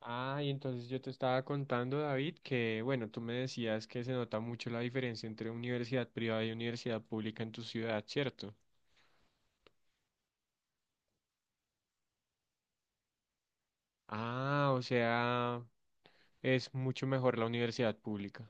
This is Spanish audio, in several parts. Ah, y entonces yo te estaba contando, David, que bueno, tú me decías que se nota mucho la diferencia entre universidad privada y universidad pública en tu ciudad, ¿cierto? Ah, o sea, es mucho mejor la universidad pública.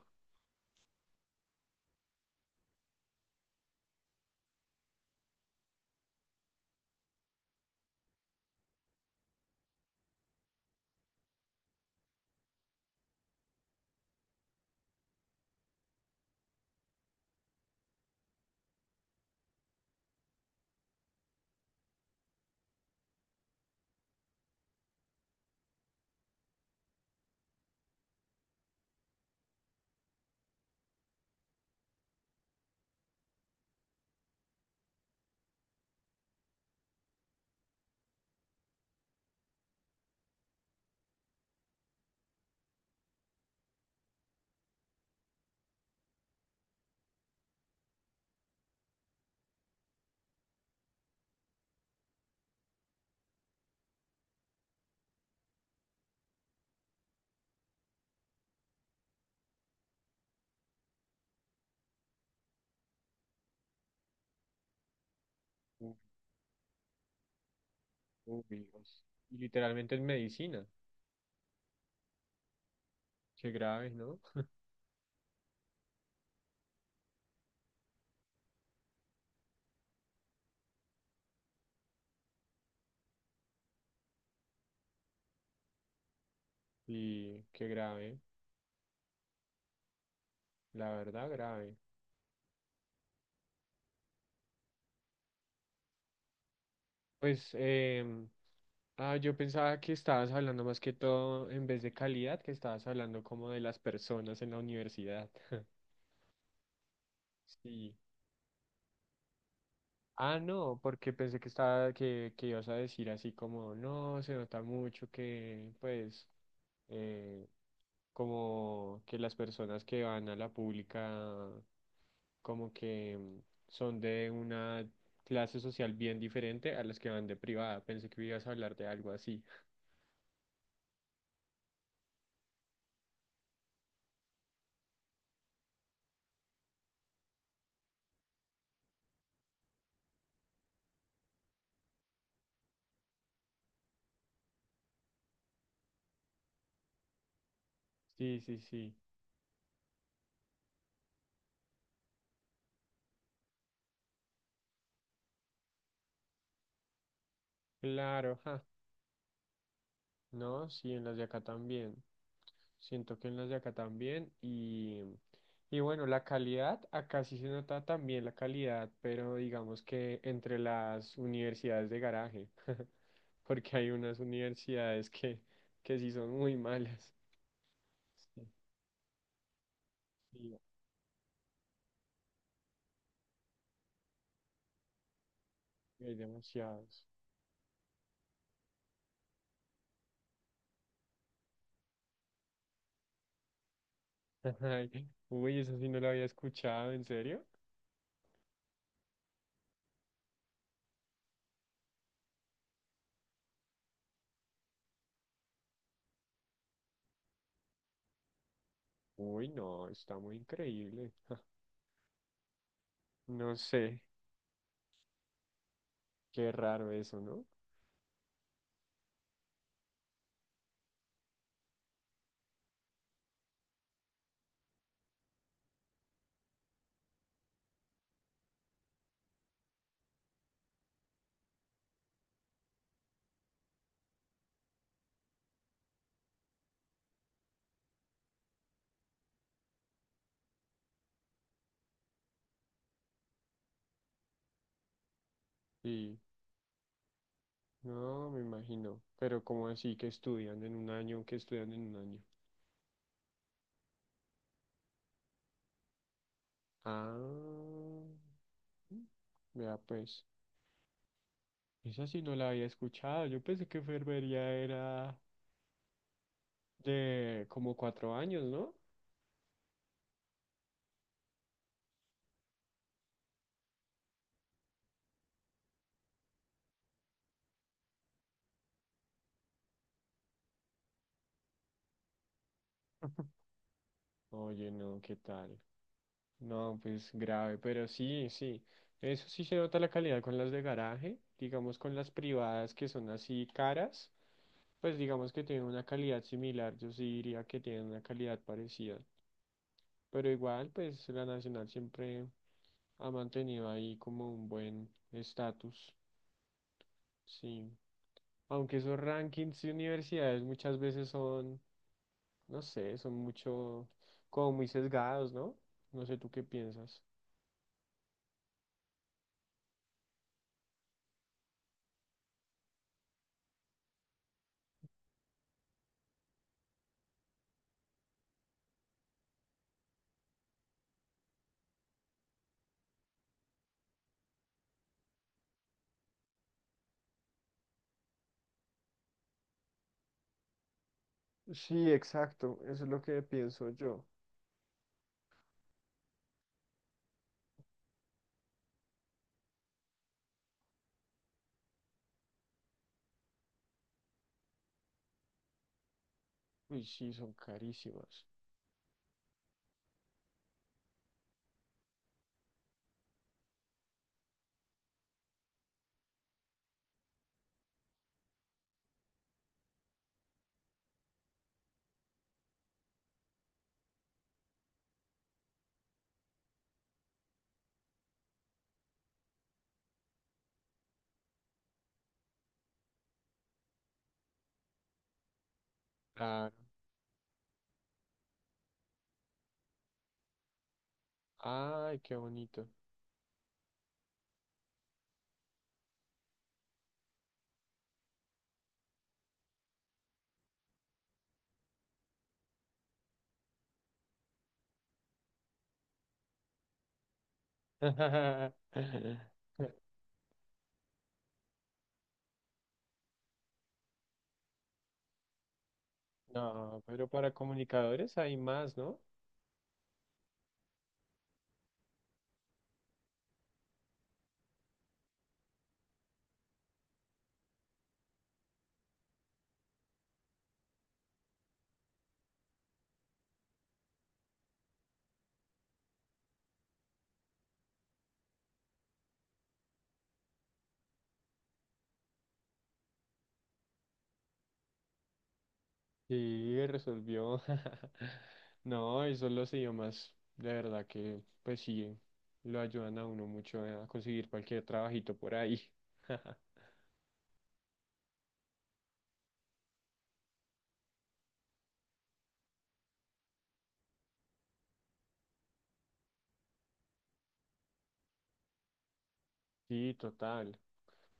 Uy, uy, Dios. Y literalmente en medicina. Qué grave, ¿no? Y qué grave, la verdad, grave. Pues, ah, yo pensaba que estabas hablando más que todo, en vez de calidad, que estabas hablando como de las personas en la universidad. Sí. Ah, no, porque pensé que estaba, que ibas a decir así como, no, se nota mucho que, pues, eh, como que las personas que van a la pública, como que son de una clase social bien diferente a las que van de privada. Pensé que ibas a hablar de algo así. Sí, sí, sí. Claro, ja. No, sí, en las de acá también. Siento que en los de acá también. Y bueno, la calidad, acá sí se nota también la calidad, pero digamos que entre las universidades de garaje, porque hay unas universidades que sí son muy malas. Sí, sí, hay demasiados. Ay, uy, eso sí no lo había escuchado, ¿en serio? Uy, no, está muy increíble. No sé, qué raro eso, ¿no? Sí, no, me imagino. Pero como así que estudian en un año, que estudian en un año. Ah, vea pues, esa sí no la había escuchado. Yo pensé que enfermería era de como cuatro años, ¿no? Oye, no, ¿qué tal? No, pues grave, pero sí, sí. Eso sí se nota la calidad con las de garaje, digamos con las privadas que son así caras, pues digamos que tienen una calidad similar, yo sí diría que tienen una calidad parecida. Pero igual, pues la Nacional siempre ha mantenido ahí como un buen estatus, sí. Aunque esos rankings de universidades muchas veces son, no sé, son mucho, como muy sesgados, ¿no? No sé tú qué piensas. Sí, exacto, eso es lo que pienso yo. Uy, sí, son carísimas. Claro. Ay, qué bonito. No, pero para comunicadores hay más, ¿no? Sí, resolvió. No, y son los idiomas, de verdad que, pues sí, lo ayudan a uno mucho a conseguir cualquier trabajito por ahí. Sí, total.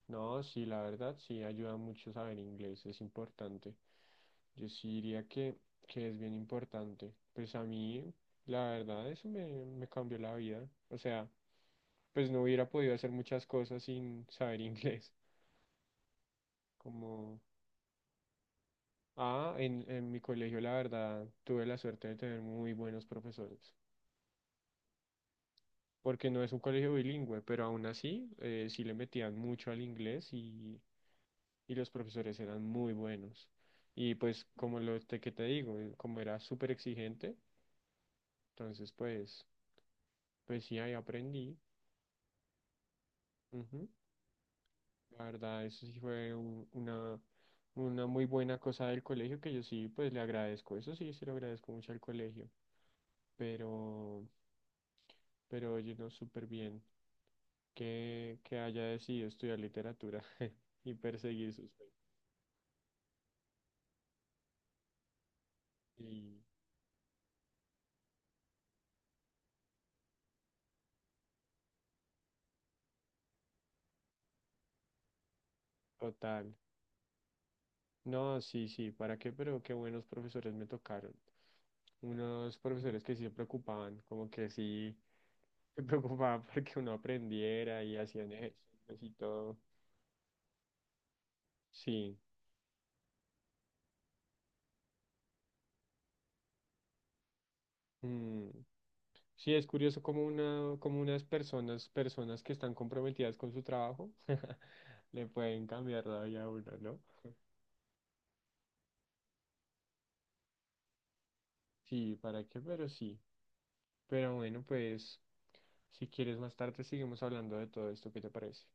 No, sí, la verdad, sí, ayuda mucho saber inglés, es importante. Yo sí diría que es bien importante. Pues a mí, la verdad, me cambió la vida. O sea, pues no hubiera podido hacer muchas cosas sin saber inglés, como ah, en mi colegio, la verdad, tuve la suerte de tener muy buenos profesores, porque no es un colegio bilingüe, pero aún así sí le metían mucho al inglés y los profesores eran muy buenos. Y pues como que te digo, como era súper exigente, entonces pues, pues sí, ahí aprendí. Ujú. La verdad, eso sí una muy buena cosa del colegio que yo sí, pues le agradezco. Eso sí, se lo agradezco mucho al colegio, pero, pero oye, no, súper bien. Que haya decidido estudiar literatura y perseguir sus sueños. Y total. No, sí, sí, ¿para qué? Pero qué buenos profesores me tocaron. Unos profesores que sí se preocupaban, como que sí se preocupaban porque uno aprendiera y hacían ejercicios y todo. Sí. Mm. Sí, es curioso como una, como unas personas, personas que están comprometidas con su trabajo, le pueden cambiar la vida a uno, ¿no? Sí, ¿para qué? Pero sí. Pero bueno, pues si quieres más tarde seguimos hablando de todo esto, ¿qué te parece?